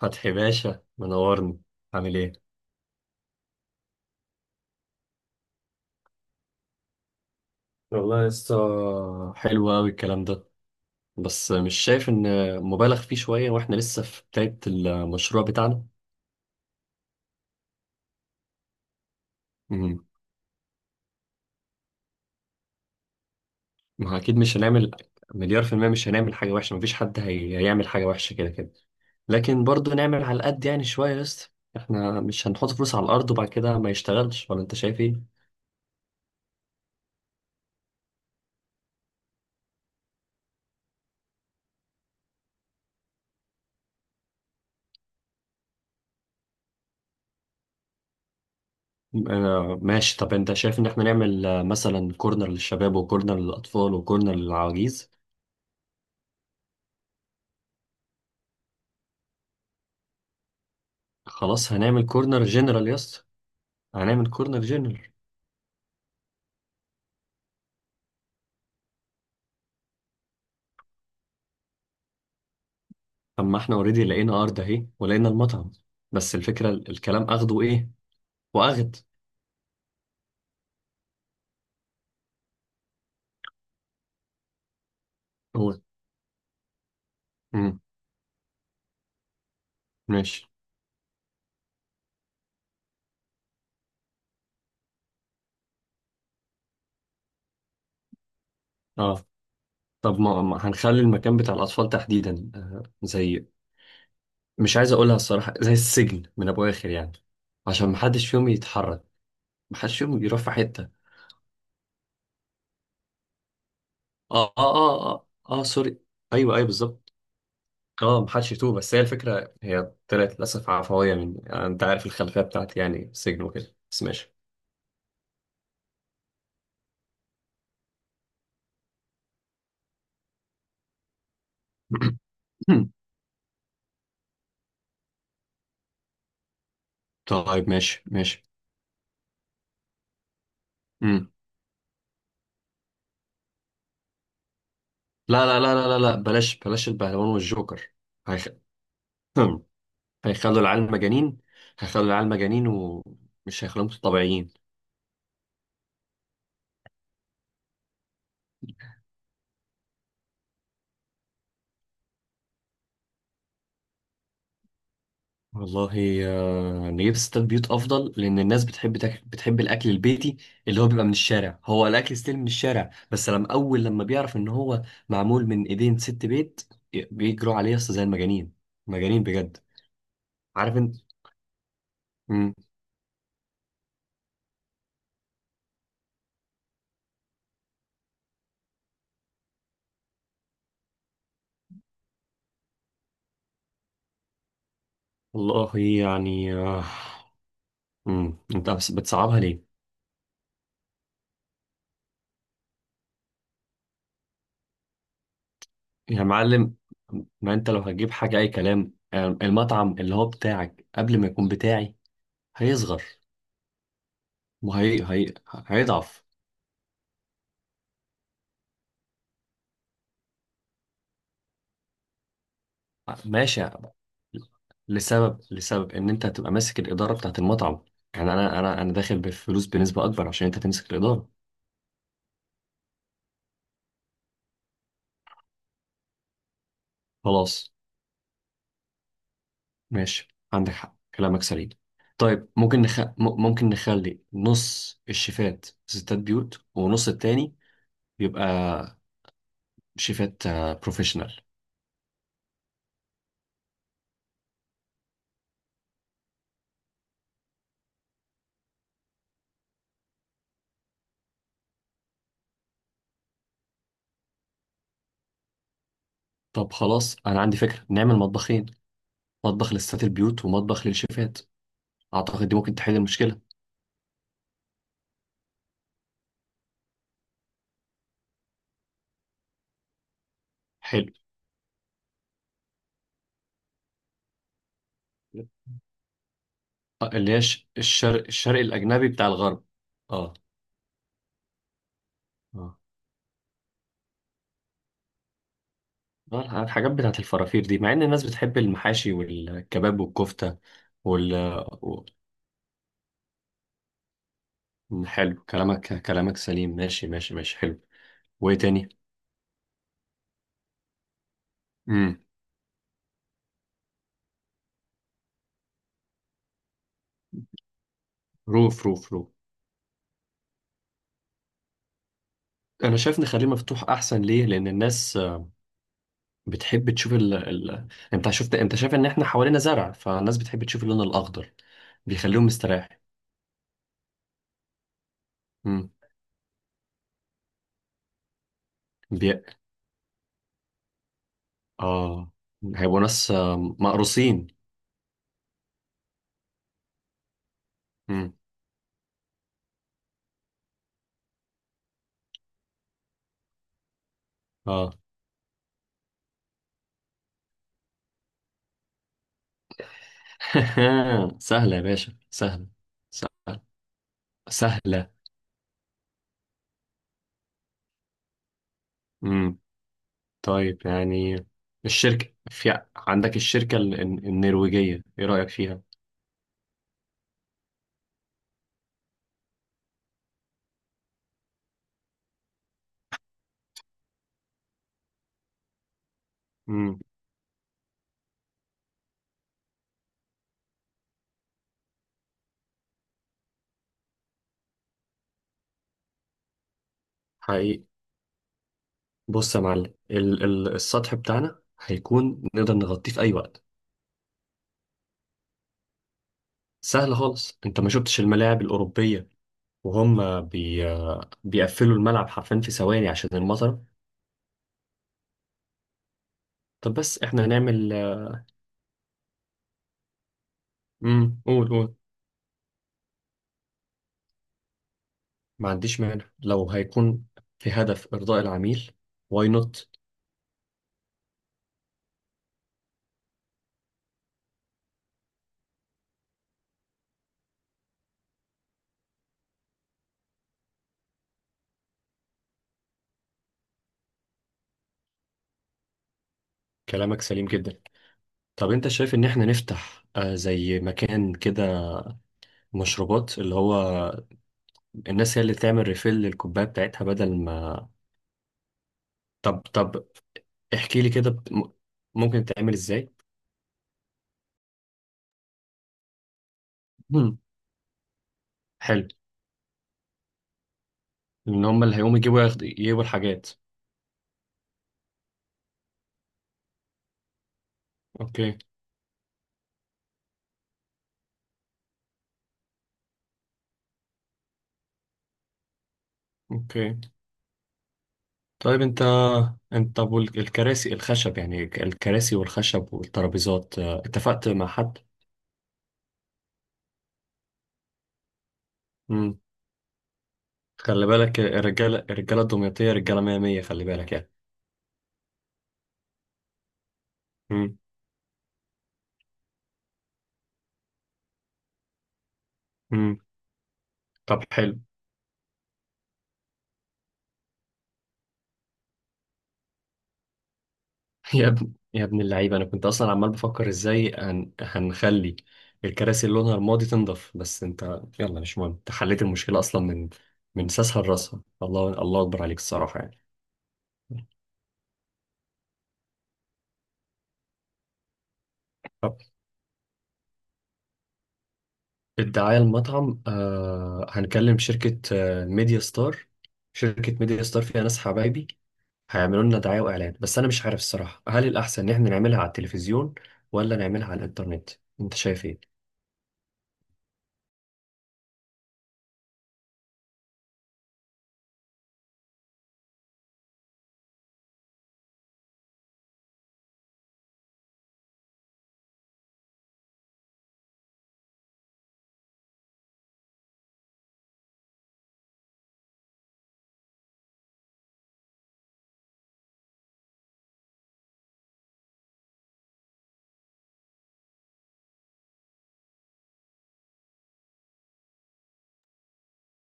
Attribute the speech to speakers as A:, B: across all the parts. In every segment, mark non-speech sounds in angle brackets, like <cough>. A: فتحي باشا منورني. عامل ايه؟ والله لسه حلو قوي الكلام ده. بس مش شايف ان مبالغ فيه شوية واحنا لسه في بداية المشروع بتاعنا. امم ما هو اكيد مش هنعمل مليار في المية، مش هنعمل حاجة وحشة، مفيش حد هيعمل حاجة وحشة كده كده. لكن برضه نعمل على قد يعني شوية لسه. احنا مش هنحط فلوس على الأرض وبعد كده ما يشتغلش، ولا انت شايف ايه؟ آه ماشي. طب انت شايف ان احنا نعمل، مثلا كورنر للشباب وكورنر للأطفال وكورنر للعواجيز. خلاص هنعمل كورنر جنرال يا اسطى، هنعمل كورنر جنرال. طب ما احنا اوريدي لقينا ارض اهي ولقينا المطعم. بس الفكره الكلام اخده ايه، واخد. هو. امم ماشي. اه. طب ما هنخلي المكان بتاع الاطفال تحديدا زي، مش عايز اقولها الصراحه، زي السجن من ابو اخر يعني، عشان محدش فيهم يتحرك، محدش فيهم يروح في حته. اه اه اه اه، آه سوري. ايوه ايوه بالظبط. اه محدش يتوه. بس هي الفكرة هي طلعت للأسف عفوية، من يعني أنت عارف الخلفية بتاعتي يعني السجن وكده، بس ماشي. <coughs> طيب ماشي ماشي. مم. لا لا لا لا لا لا، بلاش بلاش البهلوان والجوكر. هيخ... <coughs> هيخلوا العيال مجانين، هيخلوا العيال مجانين ومش هيخلوهم طبيعيين. والله نجيب ستات بيوت افضل، لان الناس بتحب تاكل، بتحب الاكل البيتي اللي هو بيبقى من الشارع، هو الاكل ستيل من الشارع، بس لما اول لما بيعرف ان هو معمول من ايدين ست بيت بيجروا عليه اصلا زي المجانين، مجانين بجد، عارف انت. مم. والله يعني مم. انت بس بتصعبها ليه؟ يا معلم، ما انت لو هتجيب حاجه اي كلام المطعم اللي هو بتاعك قبل ما يكون بتاعي هيصغر. وهي هي... هيضعف. ماشي، لسبب ان انت هتبقى ماسك الاداره بتاعت المطعم. يعني انا داخل بفلوس بنسبه اكبر عشان انت تمسك الاداره. خلاص ماشي، عندك حق كلامك سليم. طيب ممكن ممكن نخلي نص الشيفات ستات بيوت، ونص التاني بيبقى شيفات بروفيشنال. طب خلاص انا عندي فكره، نعمل مطبخين، مطبخ لستات البيوت ومطبخ للشيفات. اعتقد دي ممكن تحل المشكله. حلو. اللي هي الشرق، الشرق الأجنبي بتاع الغرب. اه اه. الحاجات بتاعت الفرافير دي، مع إن الناس بتحب المحاشي والكباب والكفتة. وال و- حلو كلامك، كلامك سليم. ماشي ماشي ماشي، حلو. وإيه تاني؟ امم روف روف روف. أنا شايف نخليه مفتوح أحسن. ليه؟ لأن الناس بتحب تشوف أنت شفت، أنت شايف إن إحنا حوالينا زرع، فالناس بتحب تشوف اللون الأخضر، بيخليهم مستريح. امم بي... آه. هيبقوا ناس مقروسين. امم اه. <laughs> سهلة يا باشا سهلة. سهلة. سهلة مم. طيب يعني، الشركة في عندك، الشركة النرويجية ايه رأيك فيها؟ مم. حقيقي. بص يا معلم، ال السطح بتاعنا هيكون نقدر نغطيه في أي وقت. سهل خالص، انت ما شفتش الملاعب الأوروبية وهم بيقفلوا الملعب حرفيا في ثواني عشان المطر. طب بس احنا هنعمل. مم. قول قول. ما عنديش مانع لو هيكون في هدف إرضاء العميل، واي نوت. كلامك سليم جدا. طب انت شايف ان احنا نفتح زي مكان كده مشروبات، اللي هو الناس هي اللي تعمل ريفيل للكوباية بتاعتها بدل ما. طب طب، احكي لي كده ممكن تعمل ازاي؟ مم. حلو، ان هم اللي هيقوموا يجيبوا، ياخد يجيبوا الحاجات. اوكي. اوكي. طيب انت طب، والكراسي الخشب يعني، الكراسي والخشب والترابيزات اتفقت مع حد؟ خلي بالك الرجالة، الرجالة الدمياطية رجالة مية مية، خلي بالك يعني. مم. مم. طب حلو. <laughs> يا ابن يا ابن اللعيبة، أنا كنت أصلا عمال بفكر إزاي هنخلي الكراسي اللي لونها رمادي تنضف، بس أنت يلا مش مهم، أنت حليت المشكلة أصلا من ساسها لراسها. الله الله أكبر عليك الصراحة يعني. طب الدعاية المطعم هنكلم شركة ميديا ستار، شركة ميديا ستار فيها ناس حبايبي، هيعملوا لنا دعاية وإعلان. بس أنا مش عارف الصراحة، هل الأحسن إن إحنا نعملها على التلفزيون ولا نعملها على الإنترنت؟ أنت شايف إيه؟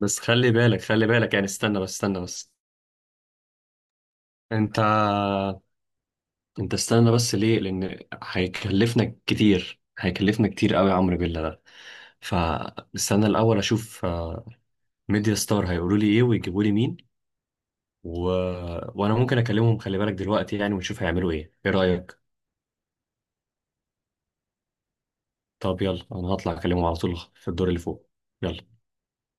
A: بس خلي بالك خلي بالك يعني، استنى بس استنى بس. أنت أنت استنى بس. ليه؟ لأن هيكلفنا كتير، هيكلفنا كتير قوي يا عمرو بالله ده، فاستنى الأول أشوف ميديا ستار هيقولوا لي إيه ويجيبوا لي مين. و... وأنا ممكن أكلمهم، خلي بالك دلوقتي يعني، ونشوف هيعملوا إيه، إيه رأيك؟ طب يلا أنا هطلع أكلمهم على طول في الدور اللي فوق. يلا.